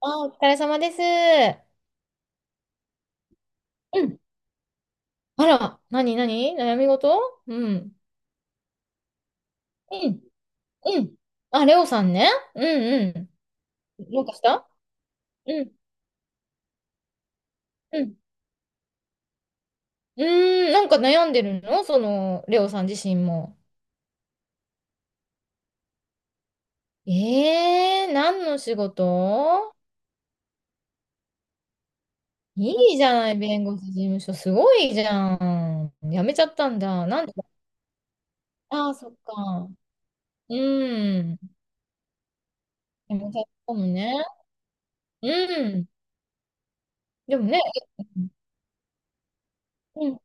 あ、お疲れ様です。うん、あら、なになに悩み事。うん。うん、うん。あ、レオさんね。うん。うん。どうかした？うん、うん。うーん、なんか悩んでるの、その、レオさん自身も。えー、何の仕事？いいじゃない、弁護士事務所。すごいじゃん。辞めちゃったんだ。なんで？ああー、そっか。うん。辞めちゃったもんね。うん。でもね、うん、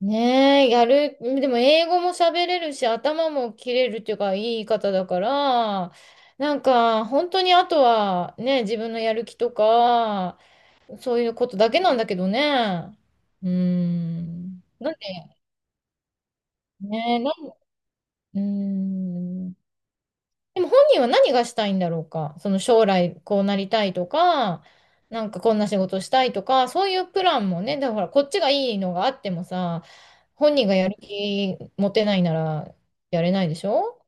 ねえ、でも英語も喋れるし、頭も切れるっていうか、いい方だから、なんか、本当にあとは、ね、自分のやる気とか、そういうことだけなんだけどね。うーん。なんで、ねえ、うーん。でも本人は何がしたいんだろうか。その将来こうなりたいとか、なんかこんな仕事したいとか、そういうプランもね、だからほらこっちがいいのがあってもさ、本人がやる気持てないならやれないでしょ。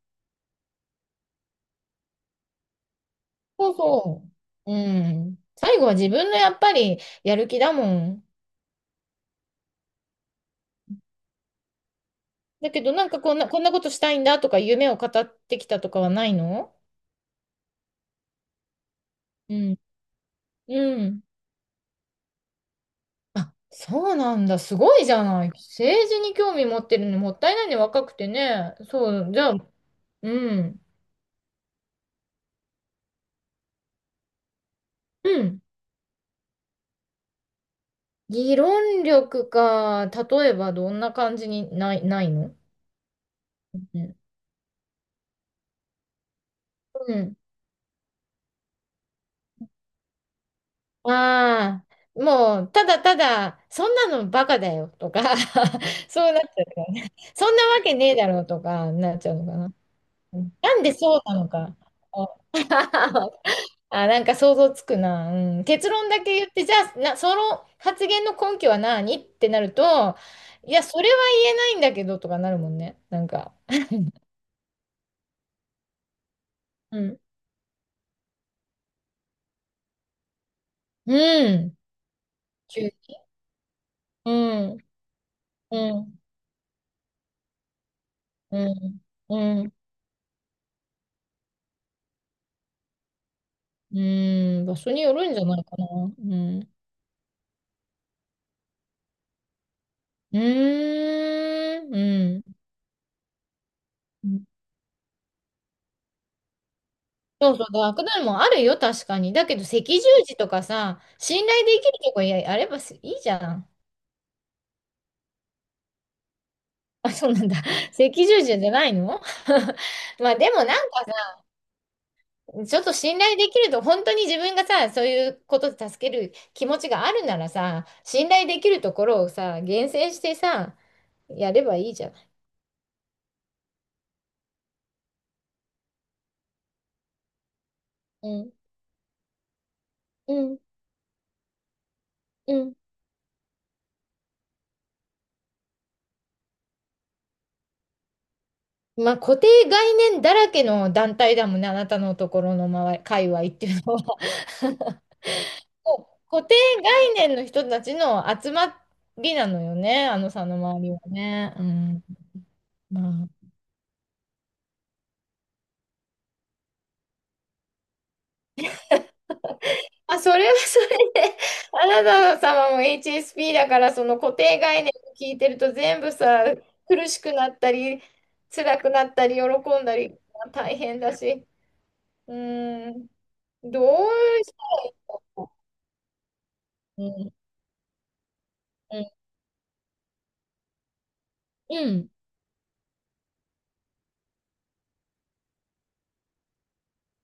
そうそう。うん。最後は自分のやっぱりやる気だもん。だけどなんかこんな、こんなことしたいんだとか夢を語ってきたとかはないの？うん。うん。あ、そうなんだ。すごいじゃない。政治に興味持ってるのにもったいないね。若くてね。そう、じゃあ、うん。うん。議論力か。例えばどんな感じにないの？うん。うん。ああ、もう、ただただ、そんなのバカだよとか、そうなっちゃうからね。そんなわけねえだろうとか、なっちゃうのかな。うん、なんでそうなのか。あ あ、なんか想像つくな。うん、結論だけ言って、じゃあ、その発言の根拠は何ってなると、いや、それは言えないんだけどとかなるもんね。なんか、うん。うん。急に。うん。うん。うん。うん。うん。場所によるんじゃないかな。うん。うーん。うん。そうそう。ダークダウンもあるよ、確かに。だけど、赤十字とかさ、信頼できるとこやあればいいじゃん。あ、そうなんだ。赤十字じゃないの？ まあでもなんかさ、ちょっと信頼できると、本当に自分がさ、そういうことで助ける気持ちがあるならさ、信頼できるところをさ、厳選してさ、やればいいじゃん。うん、うん、うん。まあ固定概念だらけの団体だもんね、あなたのところの周り、界隈っていうのは。もう固定概念の人たちの集まりなのよね、あのさんの周りはね。うん。まあ、あ、それはそれで、あなた様も HSP だから、その固定概念を聞いてると全部さ、苦しくなったり、辛くなったり、喜んだり、大変だし。うーん、どうしたらいいの。うん、うん、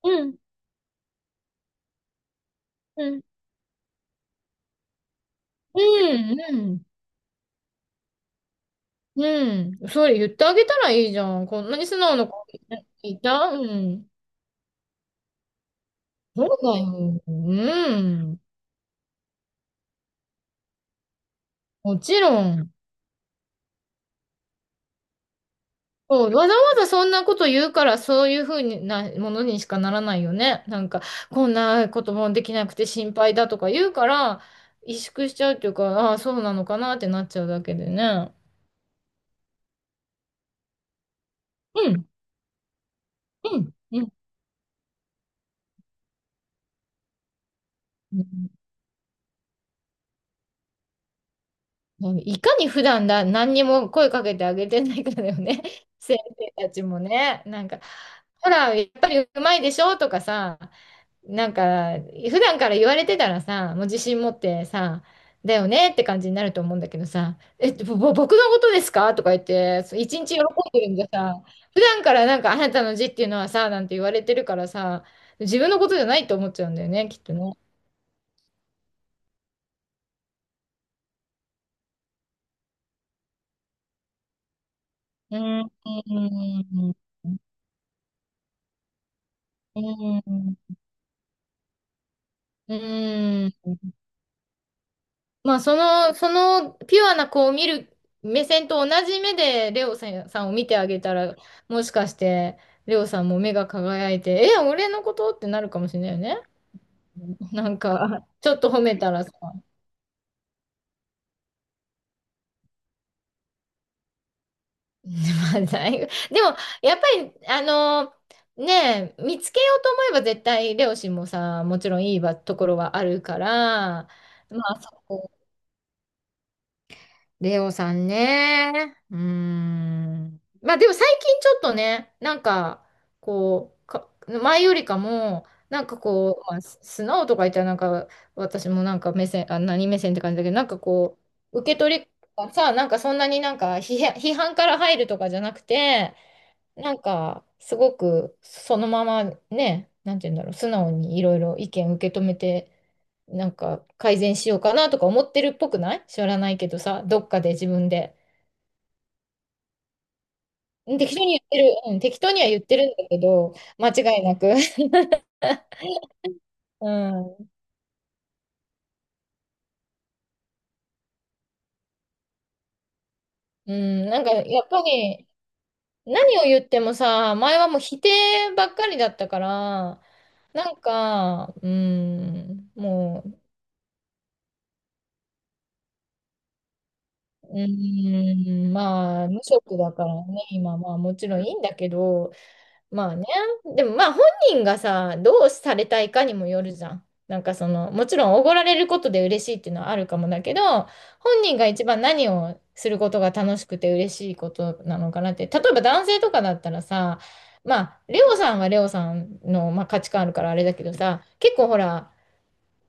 うん、うん、うん、うん、うん、それ言ってあげたらいいじゃん。こんなに素直な子いた。うん。そうだよ。うん。もちろん。そう、わざわざそんなこと言うから、そういうふうなものにしかならないよね。なんか、こんなこともできなくて心配だとか言うから、萎縮しちゃうっていうか、ああ、そうなのかなってなっちゃうだけでね。うん、うん、うん。うん、いかに普段だ、何にも声かけてあげてないかだよね。先生たちもね。なんか、ほら、やっぱりうまいでしょとかさ、なんか、普段から言われてたらさ、もう自信持ってさ、だよねって感じになると思うんだけどさ、え、ぼ、ぼ僕のことですかとか言って、そう一日喜んでるんじゃさ、普段からなんかあなたの字っていうのはさ、なんて言われてるからさ、自分のことじゃないと思っちゃうんだよね、きっとね。うん。うん。うん。うーん。まあ、そのピュアな子を見る目線と同じ目で、レオさんさんを見てあげたら、もしかして、レオさんも目が輝いて、え、俺のことってなるかもしれないよね。なんか、ちょっと褒めたらさ。まあ、だいぶでも、やっぱり、ねえ、見つけようと思えば絶対、レオ氏もさ、もちろんいいわところはあるから、まあ、そこレオさんね。うーん。まあでも最近ちょっとね、なんか、こう、か、前よりかも、なんかこう、まあ、素直とか言ったらなんか、私もなんか目線、あ、何目線って感じだけど、なんかこう、受け取りがさ、なんかそんなになんか批判から入るとかじゃなくて、なんか、すごくそのままね、なんて言うんだろう、素直にいろいろ意見受け止めて、なんか改善しようかなとか思ってるっぽくない知らないけどさ、どっかで自分で。うん、適当に言ってる、うん、適当には言ってるんだけど、間違いなく。うん、うん、なんかやっぱり何を言ってもさ、前はもう否定ばっかりだったから、なんか、うん、もう、うん、まあ、無職だからね、今、まあもちろんいいんだけど、まあね。でもまあ本人がさ、どうされたいかにもよるじゃん。なんかその、もちろんおごられることで嬉しいっていうのはあるかもだけど、本人が一番何をすることが楽しくて嬉しいことなのかなって。例えば男性とかだったらさ、まあ、レオさんはレオさんの、まあ、価値観あるからあれだけどさ、結構ほら、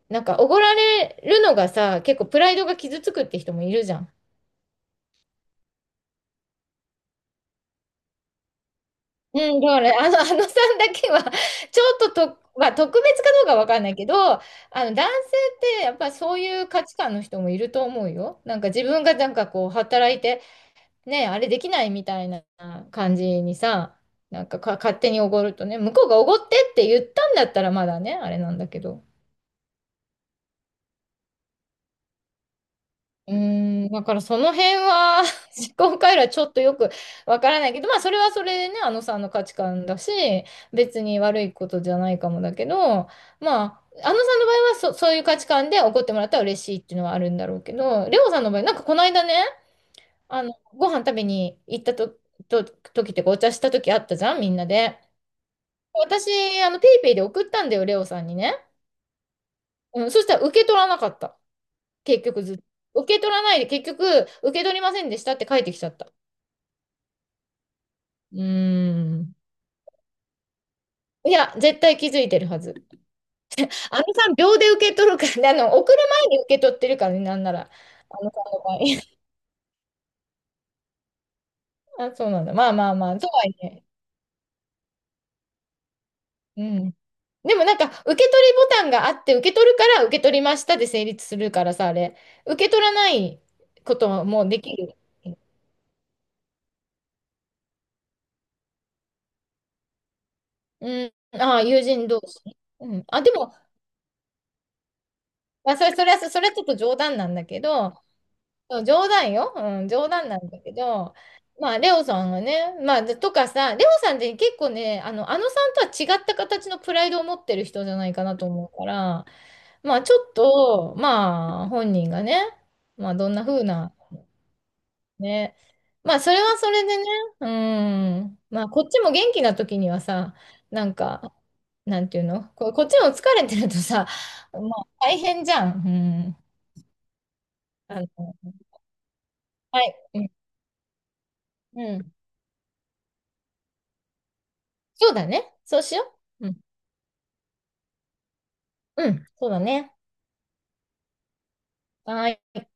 なんかおごられるのがさ、結構プライドが傷つくって人もいるじゃん。うん、だから、あのさんだけは、ちょっと、まあ、特別かどうかわかんないけど、あの、男性ってやっぱそういう価値観の人もいると思うよ。なんか自分がなんかこう、働いて、ね、あれできないみたいな感じにさ、勝手におごるとね、向こうがおごってって言ったんだったらまだね、あれなんだけど。うーん、だからその辺は 思考回路はちょっとよくわからないけど、まあそれはそれでね、あのさんの価値観だし、別に悪いことじゃないかもだけど、まあ、あのさんの場合はそういう価値観で怒ってもらったら嬉しいっていうのはあるんだろうけど、レオさんの場合、なんかこの間ね、あの、ご飯食べに行ったと、と、時っていうかお茶した時あったじゃん、みんなで。私、あの、ペイペイで送ったんだよ、レオさんにね。うん、そしたら受け取らなかった。結局ずっと。受け取らないで、結局、受け取りませんでしたって書いてきちゃった。うーん。いや、絶対気づいてるはず。あのさん、秒で受け取るからね、あの、送る前に受け取ってるからね、なんなら。あのさんの場合。あ、そうなんだ。まあまあまあ、とはいえ。うん。でもなんか、受け取りボタンがあって、受け取るから、受け取りましたで成立するからさ、あれ。受け取らないことはもうできる。うん。ああ、友人同士。うん。あ、でも、まあ、それはちょっと冗談なんだけど、そう冗談よ。うん、冗談なんだけど、まあ、レオさんがね、まあ、とかさ、レオさんって結構ね、あの、あのさんとは違った形のプライドを持ってる人じゃないかなと思うから、まあ、ちょっと、まあ、本人がね、まあ、どんな風な、ね、まあ、それはそれでね、うん、まあ、こっちも元気な時にはさ、なんか、なんていうの、こ、こっちも疲れてるとさ、まあ、大変じゃん。うん。あの、はい。うん。うん、そうだね。そうしよう。うん。うん。そうだね。はーい。